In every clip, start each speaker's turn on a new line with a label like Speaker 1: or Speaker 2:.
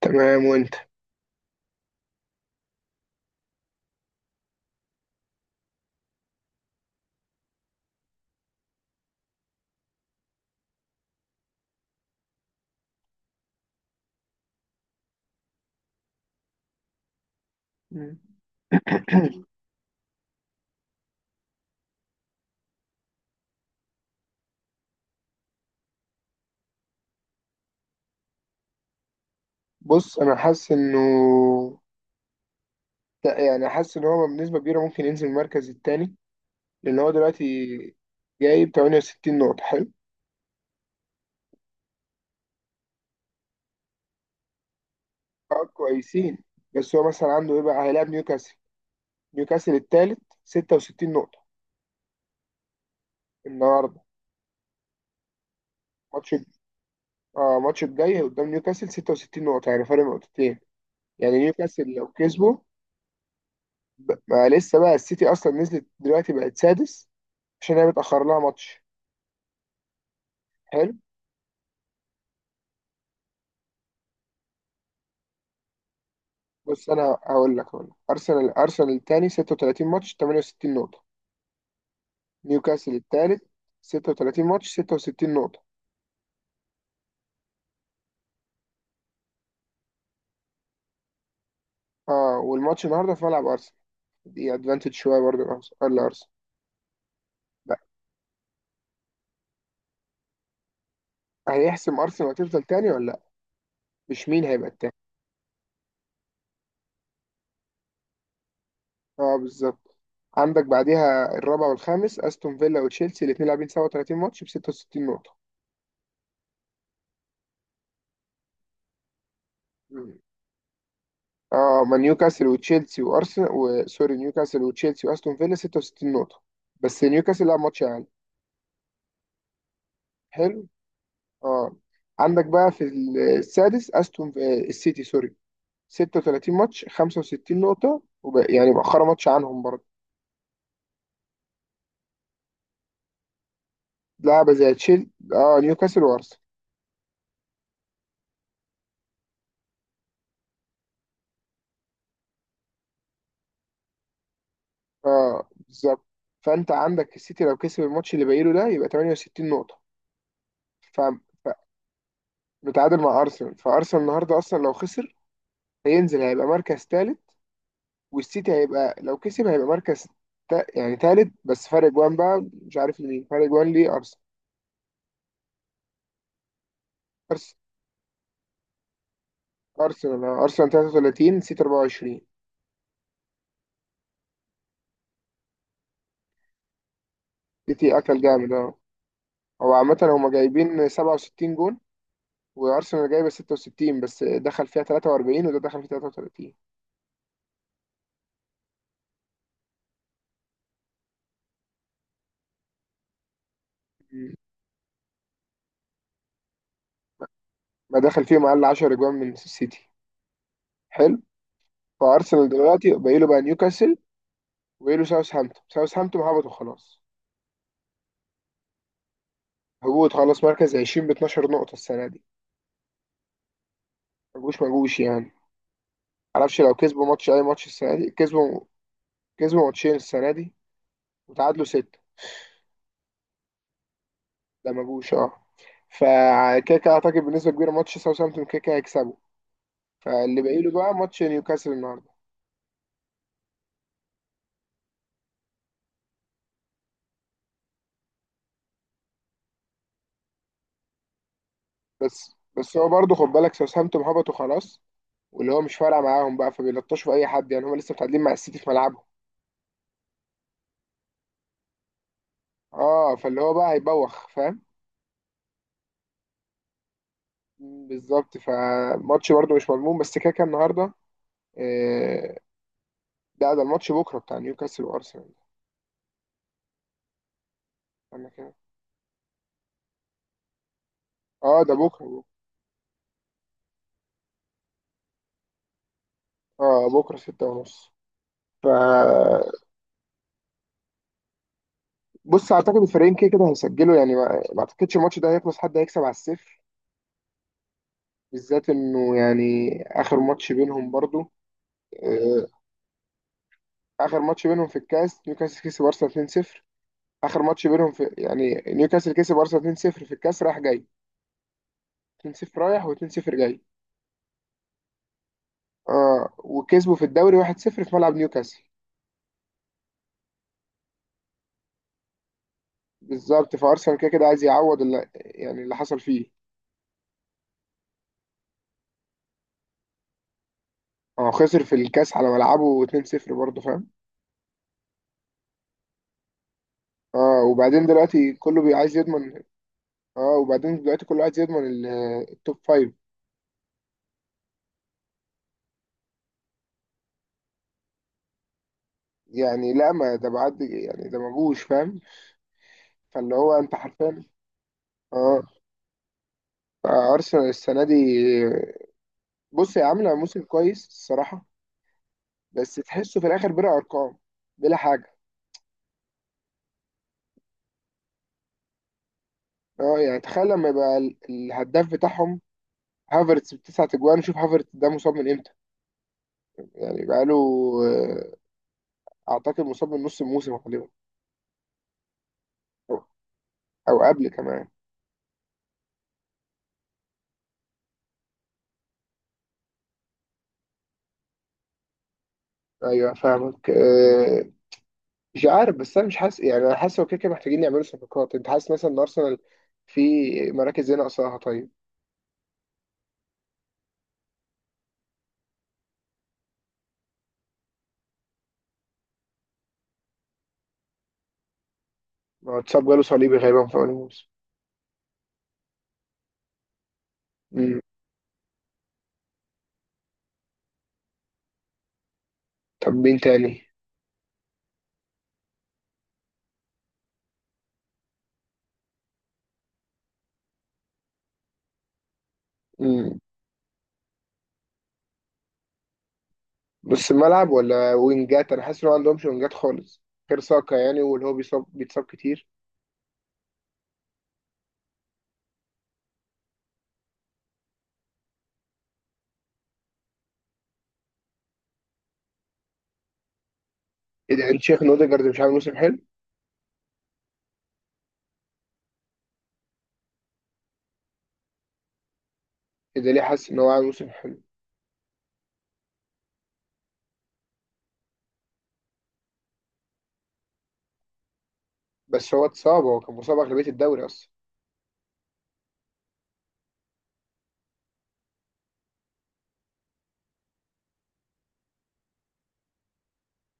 Speaker 1: تمام، وانت؟ مم. بص، انا حاسس انه لا، يعني حاسس ان هو بنسبه كبيره ممكن ينزل المركز الثاني لان هو دلوقتي جايب 68 نقطه. حلو. اه، كويسين. بس هو مثلا عنده ايه؟ بقى هيلاعب نيوكاسل الثالث، 66 نقطه. النهارده ماتش. اه، ماتش الجاي قدام نيوكاسل، 66 نقطه، يعني فرق نقطتين. يعني نيوكاسل لو كسبه. ما لسه بقى السيتي اصلا نزلت دلوقتي، بقت سادس عشان هي متاخر لها ماتش. حلو. بص، انا هقول لك ارسنال الثاني، 36 ماتش، 68 نقطة. نيوكاسل الثالث، 36 ماتش، 66 نقطة. اه، والماتش النهارده في ملعب ارسنال. دي ادفانتج شوية برضه لارسنال. لا. هيحسم ارسنال هتفضل تاني ولا لا. مش مين هيبقى التاني. اه، بالظبط. عندك بعديها الرابع والخامس، استون فيلا وتشيلسي، الاثنين لاعبين 37 ماتش ب 66 نقطة. مم. اه، ما نيوكاسل وتشيلسي وارسنال، وسوري، نيوكاسل وتشيلسي واستون فيلا، 66 نقطة. بس نيوكاسل لعب ماتش اقل. حلو. اه. عندك بقى في السادس استون السيتي، سوري، 36 ماتش، 65 نقطة يعني مؤخرا ماتش عنهم برضه. لعبة زي تشيل اه نيوكاسل وارسنال. اه، بالظبط. فانت عندك السيتي لو كسب الماتش اللي باقي له ده، يبقى 68 نقطة. ف... ف... متعادل مع ارسنال، فارسنال النهارده اصلا لو خسر هينزل، هيبقى مركز ثالث. والسيتي هيبقى، لو كسب هيبقى مركز يعني ثالث، بس فرق جوان بقى مش عارف لمين فرق جوان ليه. ارسنال ارسنال آه. ارسنال 33، سيتي 24. سيتي اكل جامد، اه. هو عامة هما جايبين 67 جون، وارسنال جايبه 66، بس دخل فيها 43 وده دخل فيها 33. مم. ما دخل فيهم اقل 10 اجوان من السيتي. حلو. فارسنال دلوقتي باقي له بقى نيوكاسل، وباقي له ساوثهامبتون. ساوثهامبتون هبطوا خلاص، هبوط خلاص، مركز 20 ب 12 نقطة السنة دي. ما جوش، ما جوش يعني. معرفش لو كسبوا ماتش، اي ماتش السنة دي كسبوا. كسبوا ماتشين السنة دي، وتعادلوا ستة. لا ما جوش، اه. فكيكا اعتقد بنسبه كبيره ماتش ساوثهامبتون كيكا هيكسبه. فاللي باقي له بقى ماتش نيوكاسل النهارده. بس هو برضه خد بالك ساوثهامبتون هبطوا خلاص، واللي هو مش فارقه معاهم بقى، فبيلطشوا في اي حد، يعني هم لسه متعادلين مع السيتي في ملعبهم. اه، فاللي هو بقى هيبوخ، فاهم. بالظبط، فماتش برضه مش مضمون، بس كيكا النهارده. آه، لا، ده الماتش بكره بتاع نيوكاسل وارسنال. انا كده. اه، ده بكره. اه، بكره 6:30. ف بص، اعتقد الفريقين كده كده هيسجلوا، يعني ما اعتقدش الماتش ده هيخلص حد هيكسب على الصفر، بالذات انه يعني اخر ماتش بينهم برضو. آه، اخر ماتش بينهم في الكاس نيوكاسل كسب ارسنال 2-0. اخر ماتش بينهم في، يعني نيوكاسل كسب ارسنال 2-0 في الكاس، راح جاي. 2-0 رايح و2-0 جاي. اه، وكسبوا في الدوري 1-0 في ملعب نيوكاسل. بالظبط، فارسنال كده كده عايز يعوض اللي، يعني اللي حصل فيه. اه، خسر في الكاس على ملعبه 2-0 برضه، فاهم. اه، وبعدين دلوقتي كله عايز يضمن. اه، وبعدين دلوقتي كل واحد يضمن التوب فايف يعني. لا، ما ده بعد، يعني ده مجوش، فاهم. فاللي هو انت حرفيا. اه، ارسنال السنه دي، بص هي عامله موسم كويس الصراحه. بس تحسه في الاخر بلا ارقام، بلا حاجه. اه، يعني تخيل لما يبقى الهداف بتاعهم هافرتس بتسعة اجوان. شوف هافرتس ده مصاب من امتى. يعني بقاله، آه، اعتقد مصاب من نص الموسم غالبا، او أو قبل كمان. ايوه، فاهمك. مش عارف، بس انا مش حاسس يعني، انا حاسس هو كده كده محتاجين يعملوا صفقات. انت حاسس مثلا ان ارسنال في مراكز ايه ناقصاها طيب؟ ما هو اتصاب، جاله صليبي غالبا في اول موسم. أمم. طب مين تاني؟ أمم. نص الملعب ولا وينجات؟ انا حاسس ان هو ما عندهمش وينجات خالص، غير ساكا يعني، واللي هو بيصاب بيتصاب كتير. ايه ده؟ شيخ نوديجارد مش عامل موسم حلو؟ ايه ده؟ ليه حاسس ان هو عامل موسم حلو؟ بس هو اتصاب، هو كان مصاب اغلبيه الدوري اصلا.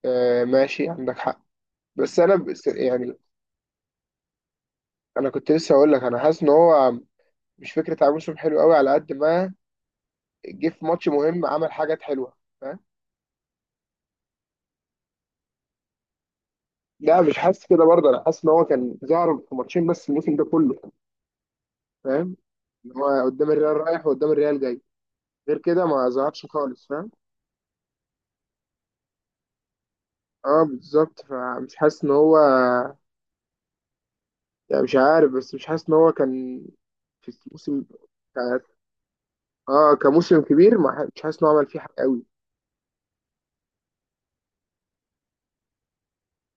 Speaker 1: آه ماشي، عندك حق. بس انا بس يعني، انا كنت لسه هقول لك، انا حاسس ان هو مش فكره عامل موسم حلو قوي. على قد ما جه في ماتش مهم عمل حاجات حلوه، فاهم. لا مش حاسس كده برضه، انا حاسس ان هو كان ظهر في ماتشين بس الموسم ده كله، فاهم، ان هو قدام الريال رايح وقدام الريال جاي. غير كده ما ظهرش خالص، فاهم. اه، بالظبط، فمش حاسس ان هو يعني مش عارف، بس مش حاسس ان هو كان في الموسم ك- اه كموسم كبير ما ح- مش حاسس ان هو عمل فيه حاجه قوي.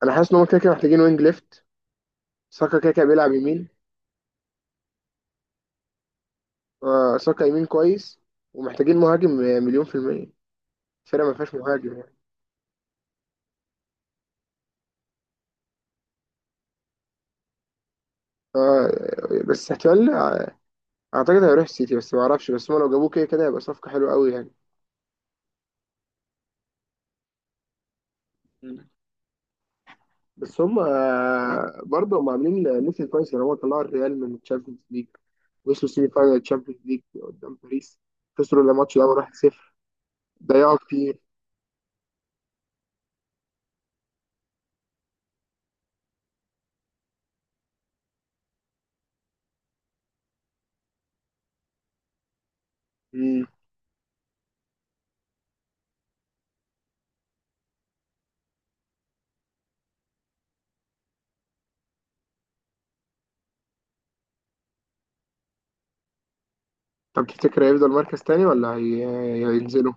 Speaker 1: انا حاسس ان هم كده كده محتاجين وينج ليفت، ساكا كده كده بيلعب يمين. ساكا يمين كويس، ومحتاجين مهاجم مليون في المية. الفرقة ما فيهاش مهاجم يعني. آه، بس احتمال. اعتقد هيروح السيتي بس ما اعرفش، بس هم لو جابوه كده كده هيبقى صفقة حلوة قوي يعني. مم. بس هم برضه هم عاملين موسم كويس، لان هو طلعوا الريال من الشامبيونز ليج، وصلوا سيمي فاينال الشامبيونز ليج قدام باريس. خسروا الماتش ده 1-0. ضيعوا كتير. مم. طب تفتكر هيفضل مركز تاني ولا هينزلوا؟